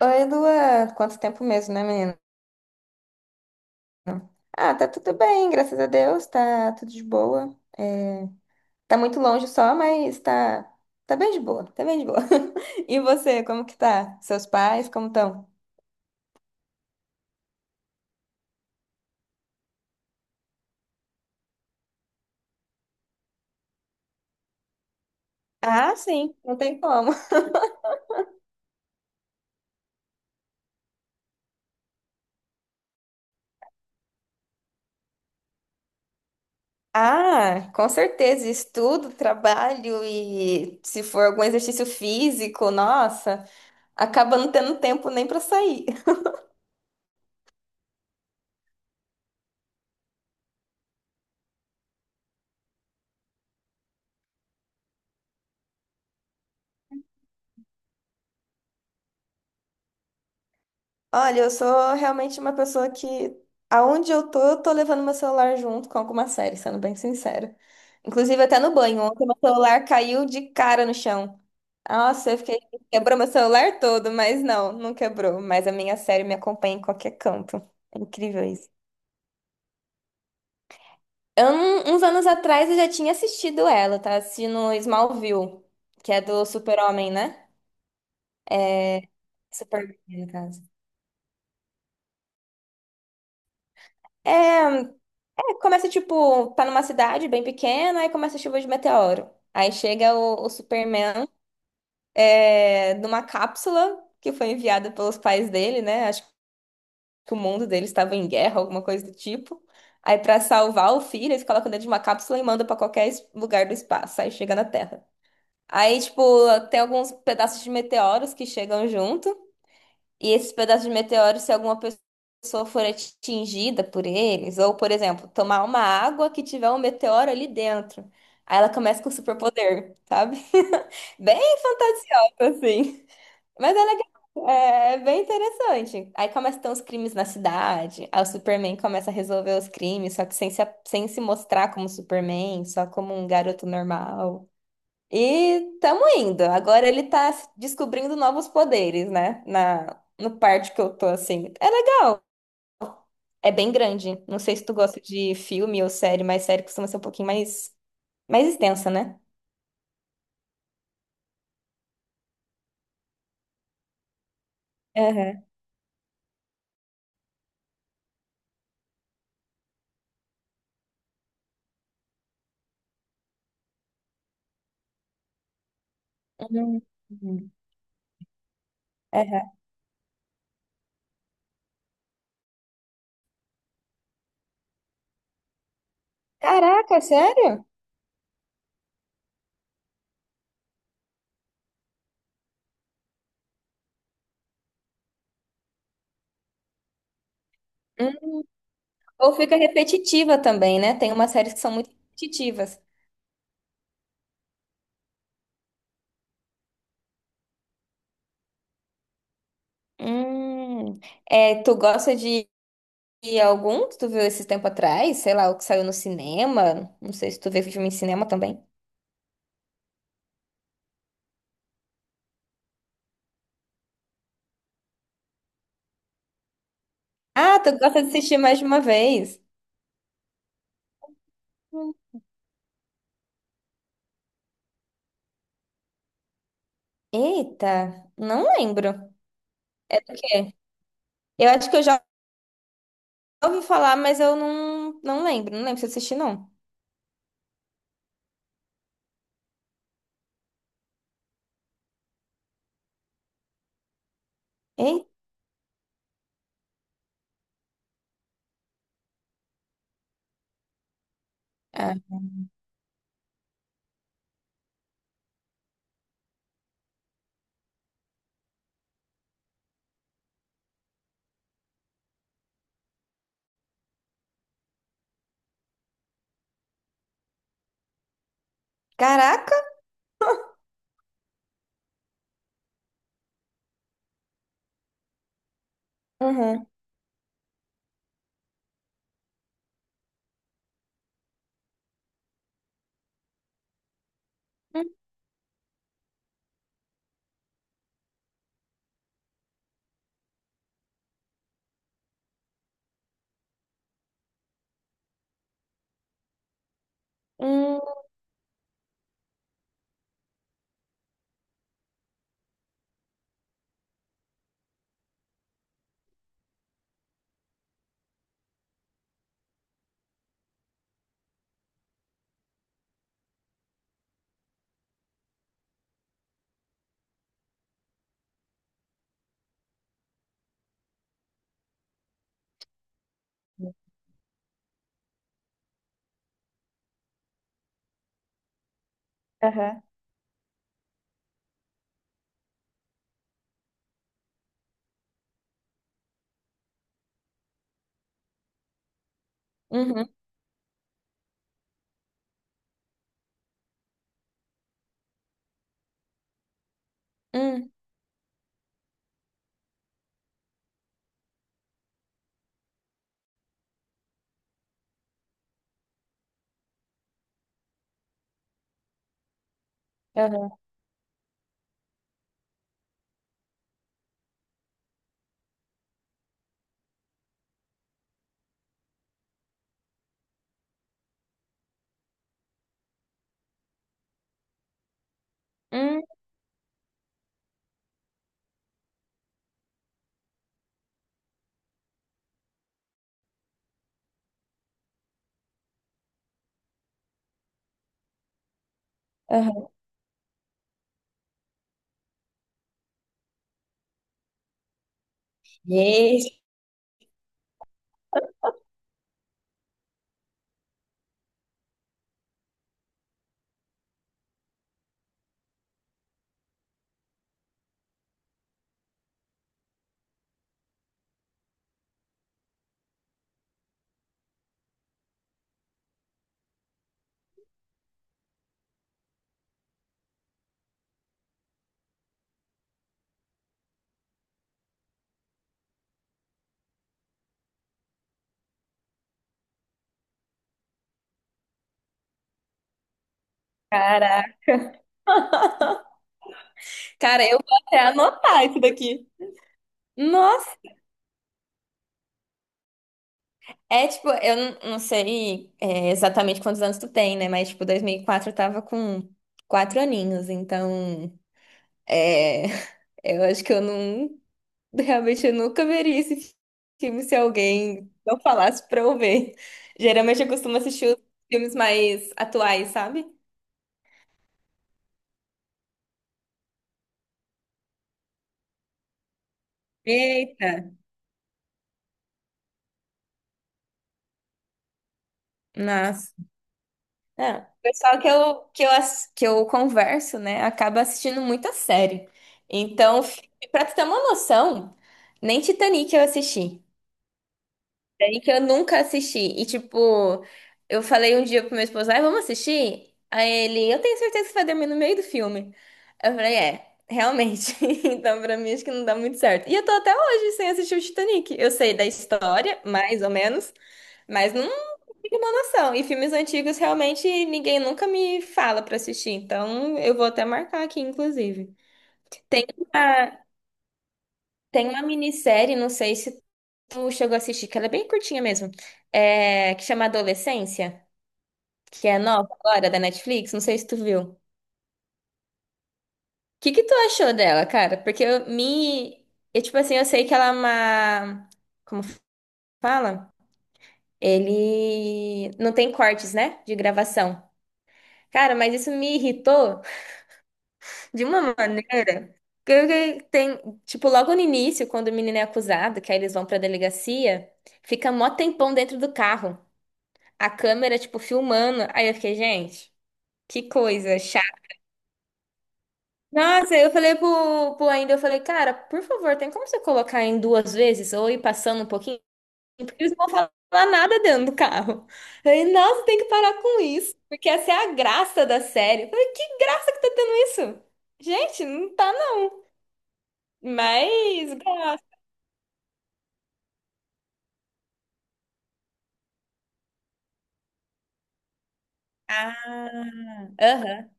Oi, Luan. Quanto tempo mesmo, né, menino? Ah, tá tudo bem, graças a Deus, tá tudo de boa. É, tá muito longe só, mas tá, tá bem de boa, tá bem de boa. E você, como que tá? Seus pais, como estão? Ah, sim, não tem como. Ah, com certeza, estudo, trabalho e se for algum exercício físico, nossa, acaba não tendo tempo nem pra sair. Olha, eu sou realmente uma pessoa que, aonde eu tô levando meu celular junto com alguma série, sendo bem sincera. Inclusive, até no banho, ontem meu celular caiu de cara no chão. Nossa, eu fiquei. Quebrou meu celular todo, mas não, não quebrou. Mas a minha série me acompanha em qualquer canto. É incrível isso. Eu, uns anos atrás eu já tinha assistido ela, tá? Assistindo Smallville, que é do Super-Homem, né? Superman, no caso. É, É, começa, tipo, tá numa cidade bem pequena, aí começa a chuva de meteoro. Aí chega o Superman é, numa cápsula que foi enviada pelos pais dele, né? Acho que o mundo dele estava em guerra, alguma coisa do tipo. Aí, pra salvar o filho, eles colocam dentro de uma cápsula e mandam pra qualquer lugar do espaço. Aí chega na Terra. Aí, tipo, tem alguns pedaços de meteoros que chegam junto. E esses pedaços de meteoro, se alguma pessoa for atingida por eles, ou, por exemplo, tomar uma água que tiver um meteoro ali dentro, aí ela começa com superpoder, sabe? Bem fantasiosa, assim. Mas é legal, é bem interessante. Aí começam a ter uns crimes na cidade, aí o Superman começa a resolver os crimes, só que sem se mostrar como Superman, só como um garoto normal. E tamo indo. Agora ele tá descobrindo novos poderes, né? No parte que eu tô assim. É legal. É bem grande. Não sei se tu gosta de filme ou série, mas série costuma ser um pouquinho mais, mais extensa, né? Aham. Hum, hum, aham. Caraca, sério? Hum. Ou fica repetitiva também, né? Tem umas séries que são muito repetitivas. Hum. É, tu gosta de algum que tu viu esses tempo atrás? Sei lá, o que saiu no cinema? Não sei se tu vê filme em cinema também. Ah, tu gosta de assistir mais de uma vez? Hum. Eita, não lembro. O quê? Eu acho que eu já ouvi falar, mas eu não lembro. Não lembro se eu assisti, não. Eita. Caraca! Uhum. Hum, hum, aham. Uhum. Hum, aham. Hum, aham. Gente, caraca. Cara, eu vou até anotar isso daqui. Nossa, é tipo, eu não sei é, exatamente quantos anos tu tem, né? Mas tipo, 2004 eu tava com quatro aninhos, então. É, eu acho que eu não, realmente eu nunca veria esse filme se alguém não falasse pra eu ver. Geralmente eu costumo assistir os filmes mais atuais, sabe? Eita, nossa. É, o pessoal que eu, que eu converso, né, acaba assistindo muita série. Então, pra tu ter uma noção, nem Titanic eu assisti. Série que eu nunca assisti. E, tipo, eu falei um dia pro meu esposo, ai, vamos assistir? Aí ele, eu tenho certeza que vai dormir no meio do filme. Eu falei, é, realmente. Então, pra mim, acho que não dá muito certo. E eu tô até hoje sem assistir o Titanic. Eu sei da história, mais ou menos, mas não tenho uma noção. E filmes antigos, realmente, ninguém nunca me fala pra assistir. Então, eu vou até marcar aqui, inclusive. Tem uma, tem uma minissérie, não sei se tu chegou a assistir, que ela é bem curtinha mesmo, é, que chama Adolescência, que é nova agora da Netflix, não sei se tu viu. O que que tu achou dela, cara? Porque eu me, eu, tipo assim, eu sei que ela é uma, como fala? Ele não tem cortes, né, de gravação. Cara, mas isso me irritou de uma maneira que eu fiquei- tem, tipo, logo no início, quando o menino é acusado, que aí eles vão pra delegacia, fica mó tempão dentro do carro. A câmera, tipo, filmando. Aí eu fiquei, gente, que coisa chata. Nossa, aí eu falei pro, pro ainda, eu falei, cara, por favor, tem como você colocar em duas vezes ou ir passando um pouquinho? Porque eles não vão falar nada dentro do carro. Aí, nossa, tem que parar com isso, porque essa é a graça da série. Eu falei, que graça que tá tendo isso? Gente, não tá não. Mas graça. Ah, aham.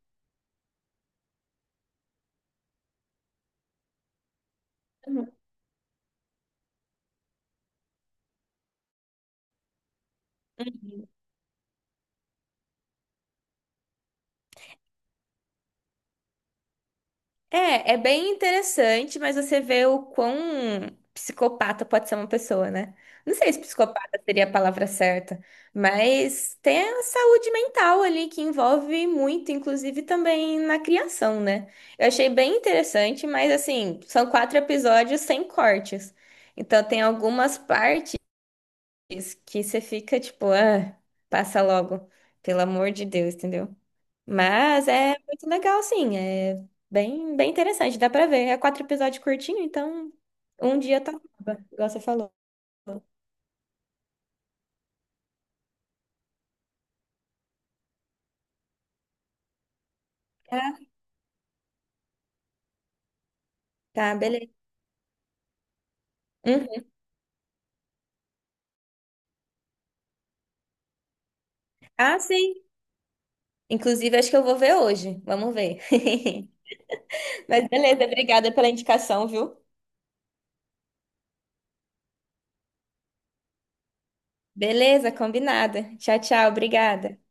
Uhum. Uhum. É, é bem interessante, mas você vê o quão psicopata pode ser uma pessoa, né? Não sei se psicopata seria a palavra certa, mas tem a saúde mental ali que envolve muito, inclusive também na criação, né? Eu achei bem interessante, mas assim, são quatro episódios sem cortes. Então tem algumas partes que você fica tipo, ah, passa logo, pelo amor de Deus, entendeu? Mas é muito legal, sim. É bem, bem interessante, dá pra ver. É quatro episódios curtinho, então um dia tá, acaba, igual você falou. Tá, tá, beleza. Uhum. Ah, sim. Inclusive, acho que eu vou ver hoje. Vamos ver. Mas beleza, obrigada pela indicação, viu? Beleza, combinada. Tchau, tchau, obrigada.